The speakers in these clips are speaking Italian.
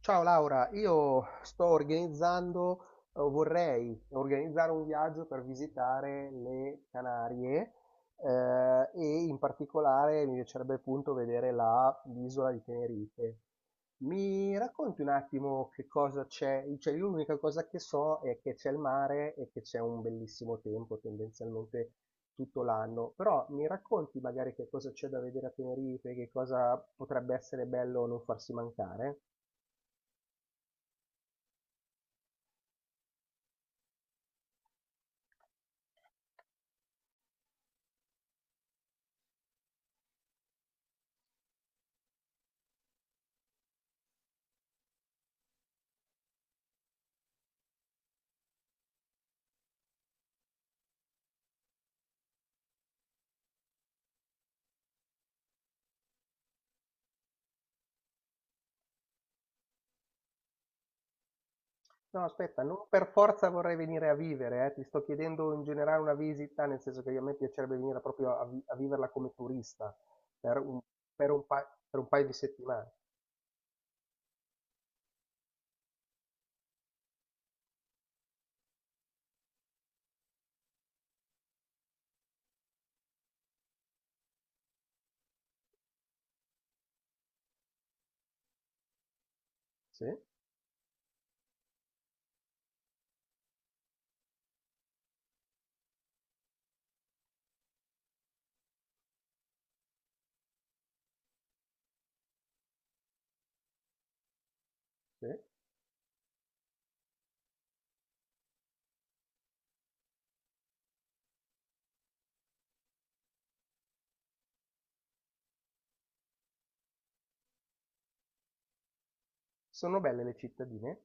Ciao Laura, vorrei organizzare un viaggio per visitare le Canarie, e in particolare mi piacerebbe appunto vedere l'isola di Tenerife. Mi racconti un attimo che cosa c'è? Cioè, io l'unica cosa che so è che c'è il mare e che c'è un bellissimo tempo, tendenzialmente tutto l'anno, però mi racconti magari che cosa c'è da vedere a Tenerife, che cosa potrebbe essere bello non farsi mancare? No, aspetta, non per forza vorrei venire a vivere, ti sto chiedendo in generale una visita, nel senso che a me piacerebbe venire proprio a viverla come turista per per un paio di settimane. Sì, sì. Sono belle le cittadine.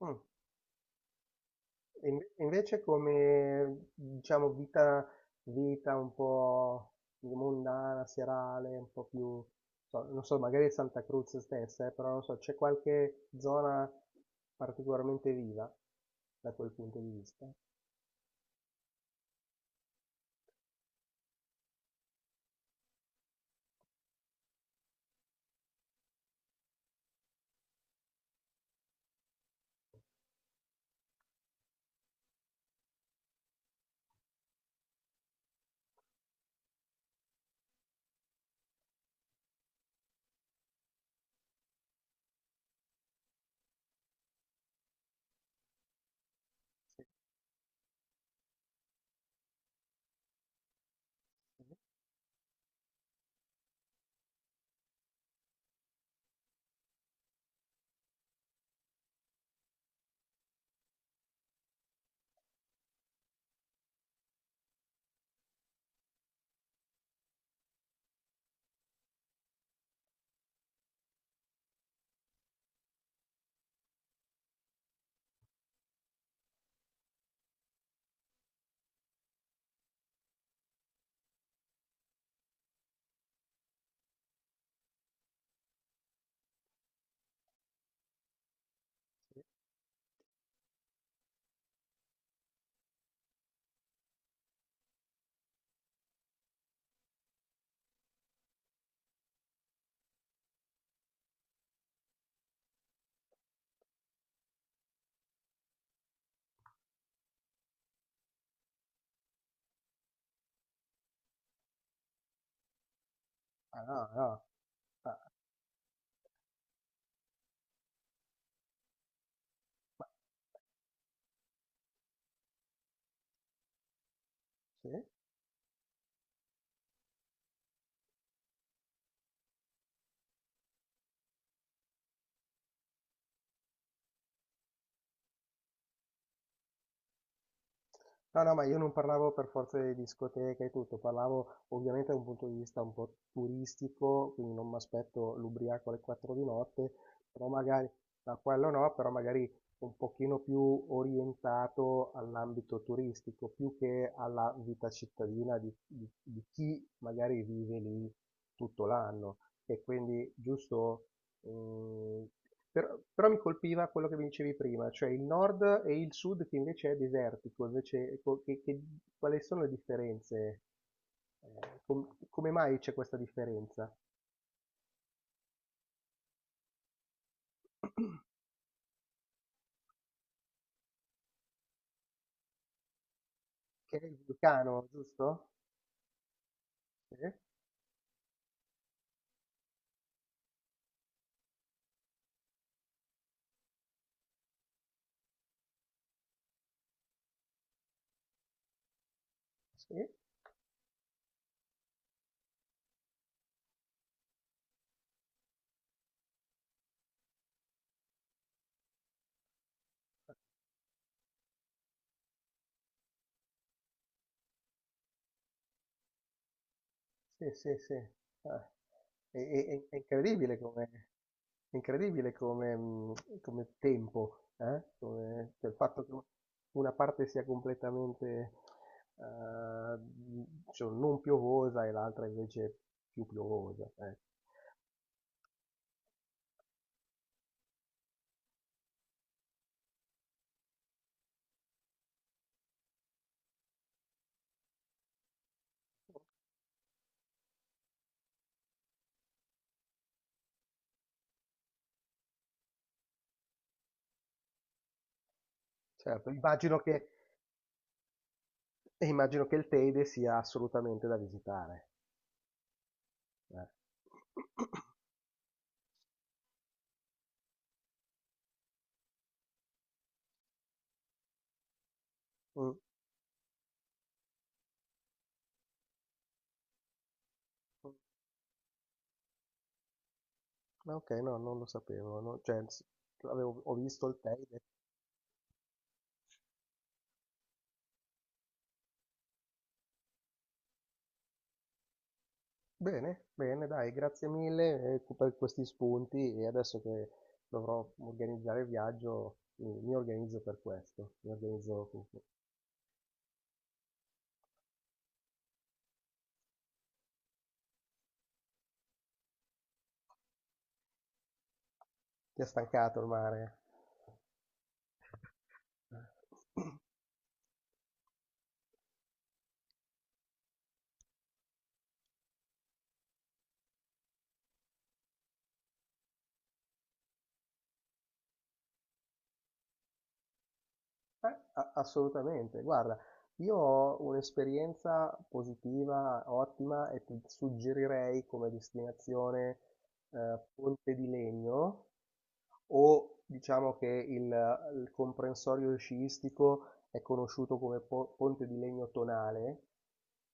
Mm. E invece come, diciamo, vita un po' mondana, serale, un po' più, non so, magari Santa Cruz stessa, però non so, c'è qualche zona particolarmente viva da quel punto di vista? Sì, sì. Ah, no, no, ah, ma- sì? No, no, ma io non parlavo per forza di discoteche e tutto, parlavo ovviamente da un punto di vista un po' turistico, quindi non mi aspetto l'ubriaco alle 4 di notte, però magari, da quello no, però magari un pochino più orientato all'ambito turistico, più che alla vita cittadina di, di chi magari vive lì tutto l'anno. E quindi, giusto. Mhmm, però mi colpiva quello che mi dicevi prima, cioè il nord e il sud che invece è desertico, invece co che quali sono le differenze? Ehm, come mai c'è questa differenza? Che è il vulcano, giusto? Sì, sì. Sì, sì, sì. Ah, È, è- è- è incredibile come, è incredibile come, come tempo, eh? Come, cioè il fatto che una parte sia completamente eh, cioè, non piovosa e l'altra invece più piovosa. Eh. Certo, immagino che il Teide sia assolutamente da visitare. Eh. Mm, mm. Ok, no, non lo sapevo. No, ho visto il Teide. Bene, bene, dai, grazie mille per questi spunti e adesso che dovrò organizzare il viaggio mi organizzo per questo, mi organizzo. Ti ha stancato il mare? Assolutamente, guarda, io ho un'esperienza positiva, ottima e ti suggerirei come destinazione, Ponte di Legno, o diciamo che il comprensorio sciistico è conosciuto come Ponte di Legno Tonale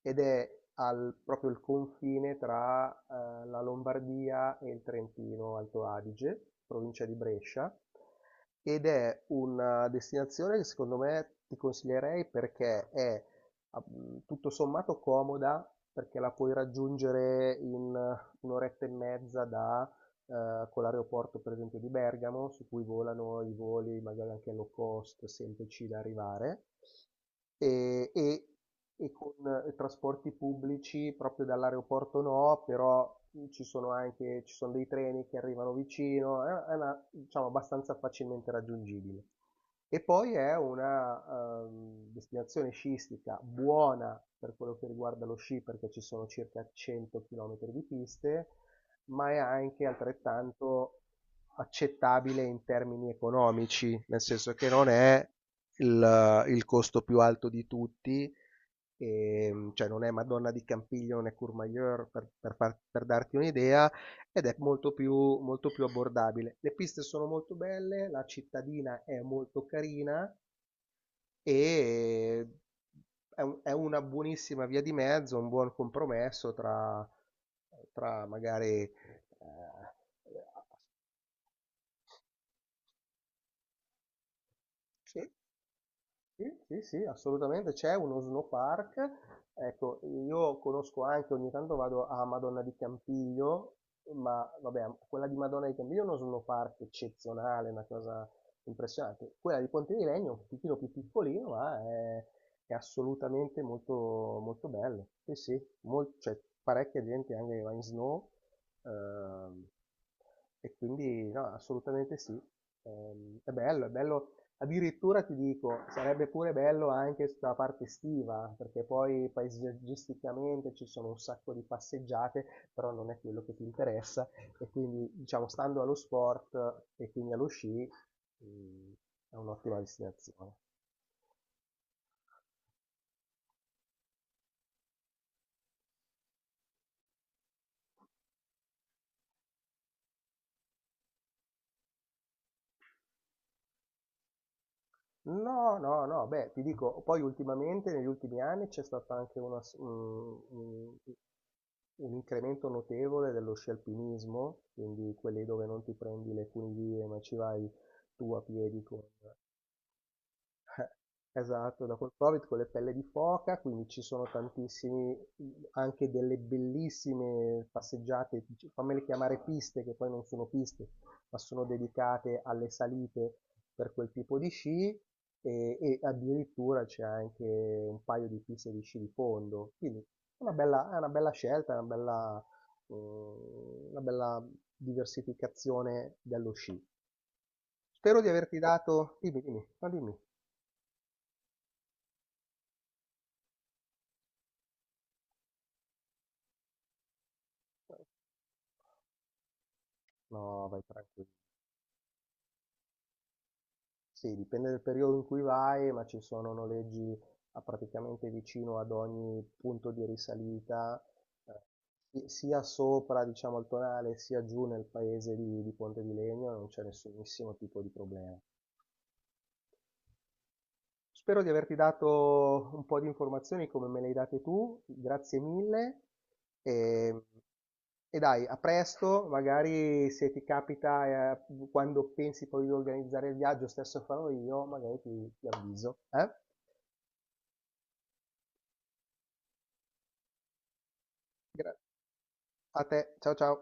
ed è proprio il confine tra la Lombardia e il Trentino Alto Adige, provincia di Brescia, ed è una destinazione che secondo me ti consiglierei perché è tutto sommato comoda perché la puoi raggiungere in un'oretta e mezza da con l'aeroporto per esempio di Bergamo, su cui volano i voli magari anche low cost, semplici da arrivare, e, e- e con trasporti pubblici proprio dall'aeroporto no, però ci sono dei treni che arrivano vicino, è una, diciamo, abbastanza facilmente raggiungibile. E poi è una destinazione sciistica buona per quello che riguarda lo sci, perché ci sono circa 100 km di piste, ma è anche altrettanto accettabile in termini economici, nel senso che non è il costo più alto di tutti, e, cioè non è Madonna di Campiglio, non è Courmayeur per darti un'idea, ed è molto più abbordabile. Le piste sono molto belle, la cittadina è molto carina e è una buonissima via di mezzo, un buon compromesso tra, tra magari sì. Sì, sì, sì, assolutamente c'è uno snow park. Ecco, io conosco anche, ogni tanto vado a Madonna di Campiglio, ma vabbè, quella di Madonna di Campiglio è uno snow park eccezionale, una cosa impressionante. Quella di Ponte di Legno è un pochino più piccolino, ma è assolutamente molto bello. Sì, sì, c'è parecchia gente anche che va in snow, ehm, e quindi no, assolutamente sì. È bello. Addirittura ti dico, sarebbe pure bello anche sulla parte estiva, perché poi paesaggisticamente ci sono un sacco di passeggiate, però non è quello che ti interessa e quindi diciamo stando allo sport e quindi allo sci, mh, è un'ottima destinazione. No, no, no, beh, ti dico, poi ultimamente, negli ultimi anni, c'è stato anche una s- un incremento notevole dello sci alpinismo, quindi quelli dove non ti prendi le funivie, ma ci vai tu a piedi con eh, esatto, dopo il Covid con le pelle di foca, quindi ci sono tantissimi, anche delle bellissime passeggiate, fammele chiamare piste, che poi non sono piste, ma sono dedicate alle salite per quel tipo di sci e addirittura c'è anche un paio di piste di sci di fondo, quindi è una bella scelta, è una bella diversificazione dello sci. Spero di averti dato, dimmi, dimmi. No, vai tranquillo. Sì, dipende dal periodo in cui vai, ma ci sono noleggi a praticamente vicino ad ogni punto di risalita, eh, sia sopra, diciamo, il tonale, sia giù nel paese di Ponte di Legno, non c'è nessunissimo tipo di problema. Spero di averti dato un po' di informazioni come me le hai date tu, grazie mille e, e dai, a presto, magari se ti capita, quando pensi poi di organizzare il viaggio, stesso farò io, magari ti, ti avviso. Eh? Gra- A te, ciao ciao.